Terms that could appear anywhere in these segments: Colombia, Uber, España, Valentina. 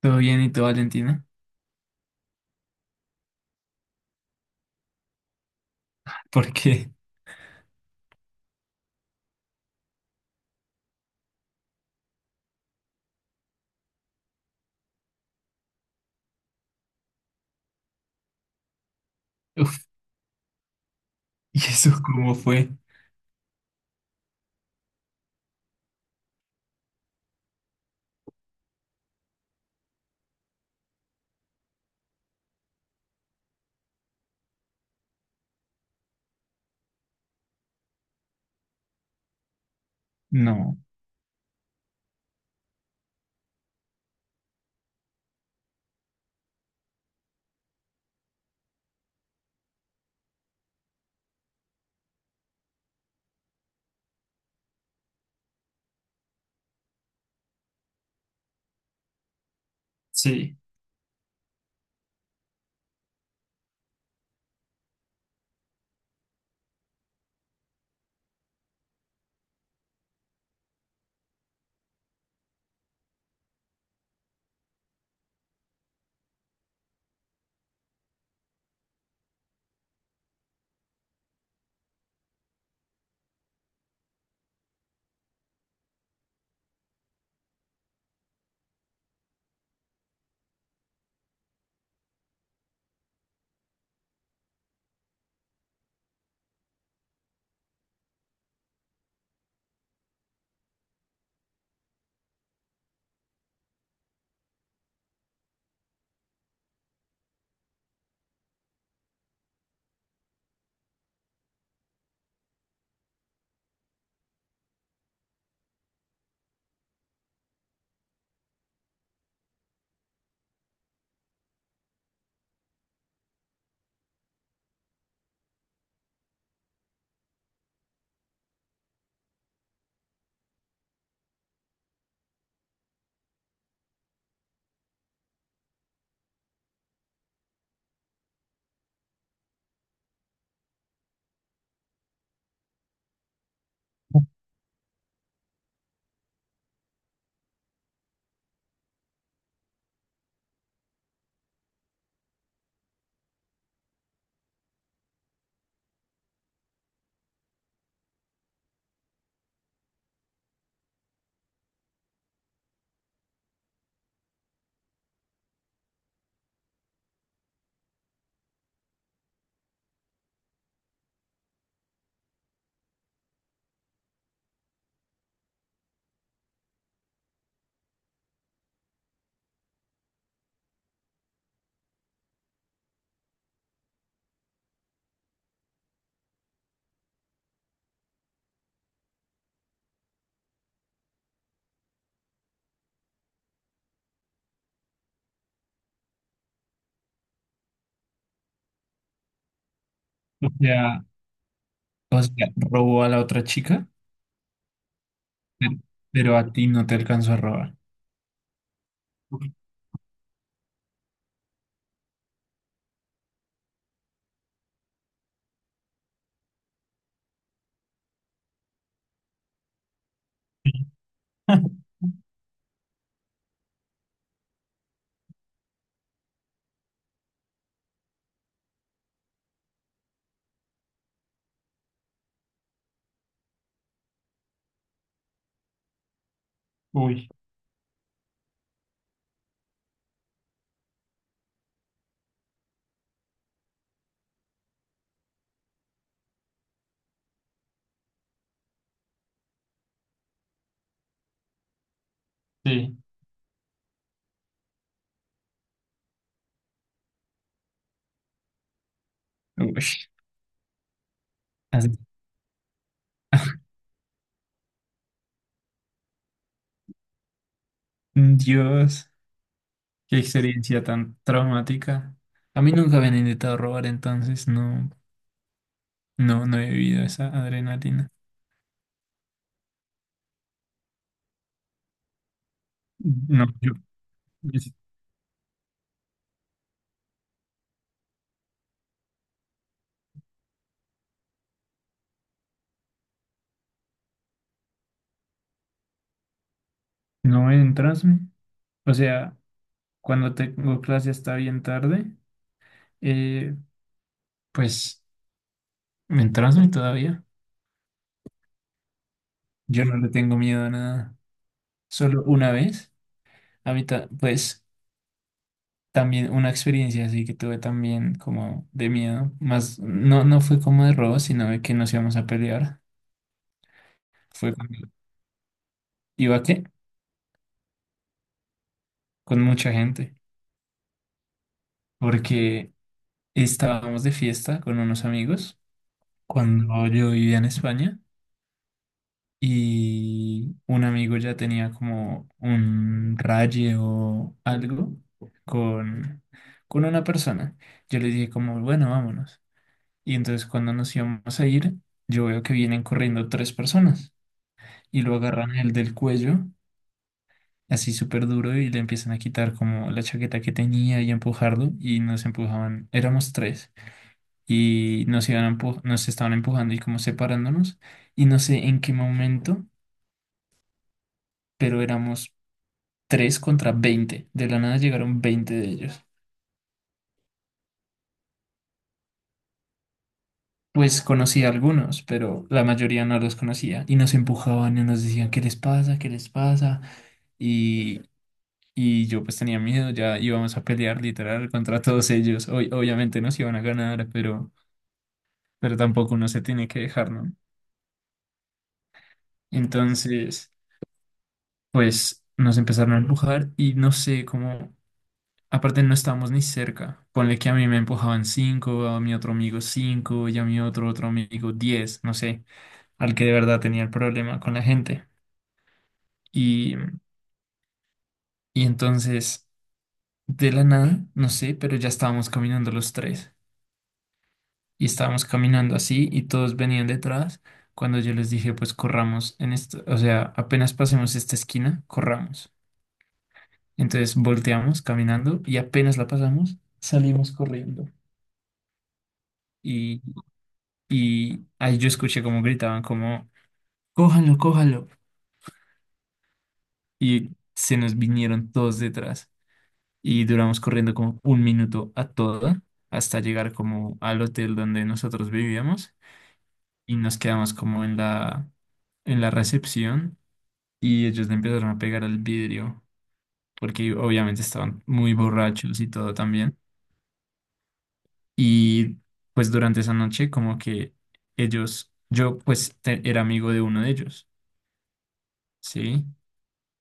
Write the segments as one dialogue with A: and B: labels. A: Todo bien y tú, Valentina. Porque, Uf, ¿y eso cómo fue? No, sí. O sea, o sea, robó a la otra chica, pero, pero a ti no te alcanzó a robar. Uy, sí. Uy, así- Dios, qué experiencia tan traumática. A mí nunca me han intentado robar, entonces no, no, no he vivido esa adrenalina. No, yo es- no entras, ¿no? O sea, cuando tengo clase hasta bien tarde, eh, pues me entraña todavía. Yo no le tengo miedo a nada. Solo una vez. Ahorita, pues, también una experiencia así que tuve también como de miedo. Más, no, no fue como de robo, sino de que nos íbamos a pelear. Fue cuando iba, ¿qué? Con mucha gente. Porque estábamos de fiesta con unos amigos cuando yo vivía en España, y un amigo ya tenía como un raye o algo con, con una persona. Yo le dije como, bueno, vámonos. Y entonces cuando nos íbamos a ir, yo veo que vienen corriendo tres personas y lo agarran el del cuello, así súper duro, y le empiezan a quitar como la chaqueta que tenía y a empujarlo, y nos empujaban, éramos tres y nos iban a nos estaban empujando y como separándonos, y no sé en qué momento, pero éramos 3 contra 20. De la nada llegaron 20 de ellos. Pues conocía algunos, pero la mayoría no los conocía. Y nos empujaban y nos decían, ¿qué les pasa? ¿Qué les pasa? Y, y yo pues tenía miedo, ya íbamos a pelear literal contra todos ellos. Obviamente nos iban a ganar, pero tampoco uno se tiene que dejar, ¿no? Entonces, pues nos empezaron a empujar y no sé cómo. Aparte no estábamos ni cerca. Ponle que a mí me empujaban cinco, a mi otro amigo cinco y a mi otro amigo 10, no sé, al que de verdad tenía el problema con la gente. Y, y entonces, de la nada, no sé, pero ya estábamos caminando los tres. Y estábamos caminando así y todos venían detrás. Cuando yo les dije, pues corramos en esto, o sea, apenas pasemos esta esquina, corramos. Entonces volteamos caminando y apenas la pasamos, salimos corriendo. y Y ahí yo escuché cómo gritaban, como, cójanlo, cójanlo. Y se nos vinieron todos detrás. Y duramos corriendo como un minuto a toda, hasta llegar como al hotel donde nosotros vivíamos. Y nos quedamos como en la recepción, y ellos le empezaron a pegar al vidrio porque obviamente estaban muy borrachos y todo también. Y pues durante esa noche como que ellos, yo pues era amigo de uno de ellos, ¿sí?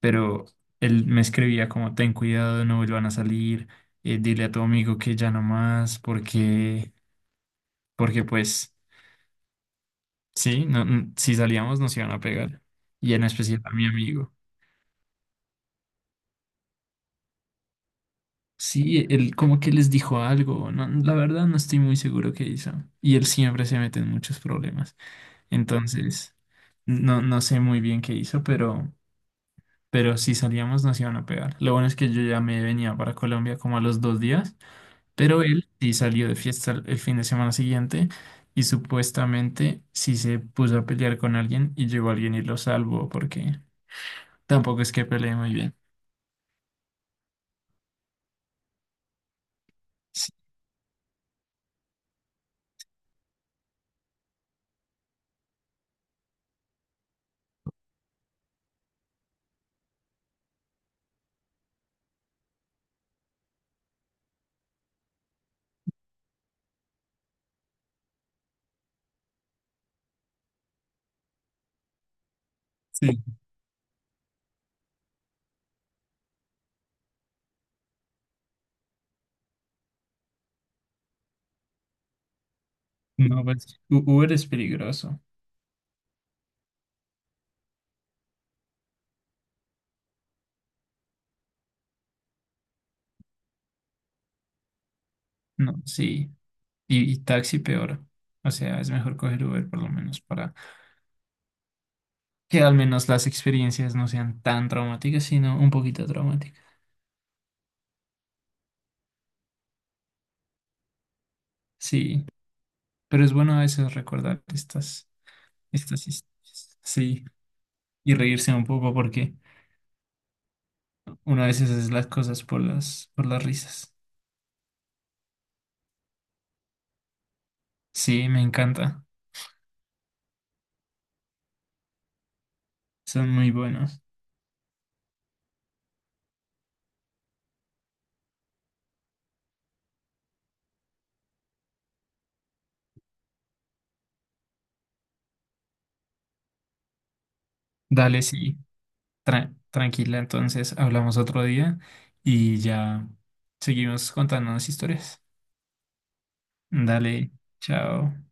A: Pero él me escribía como ten cuidado, no vuelvan a salir, dile a tu amigo que ya no más, porque, porque pues sí, no, si salíamos nos iban a pegar, y en especial a mi amigo. Sí, él como que les dijo algo, no, la verdad no estoy muy seguro qué hizo, y él siempre se mete en muchos problemas, entonces no, no sé muy bien qué hizo, pero... Pero si salíamos nos iban a pegar. Lo bueno es que yo ya me venía para Colombia como a los 2 días. Pero él sí salió de fiesta el fin de semana siguiente y supuestamente sí se puso a pelear con alguien y llegó alguien y lo salvó porque tampoco es que pelee muy bien. Sí, sí. No, pues Uber es peligroso. No, sí. Y taxi peor. O sea, es mejor coger Uber por lo menos para que al menos las experiencias no sean tan traumáticas, sino un poquito traumáticas. Sí, pero es bueno a veces recordar estas, estas historias. Sí, y reírse un poco porque... una a veces hace las cosas por las risas. Sí, me encanta. Son muy buenos. Dale, sí. Tranquila, entonces hablamos otro día y ya seguimos contándonos historias. Dale, chao.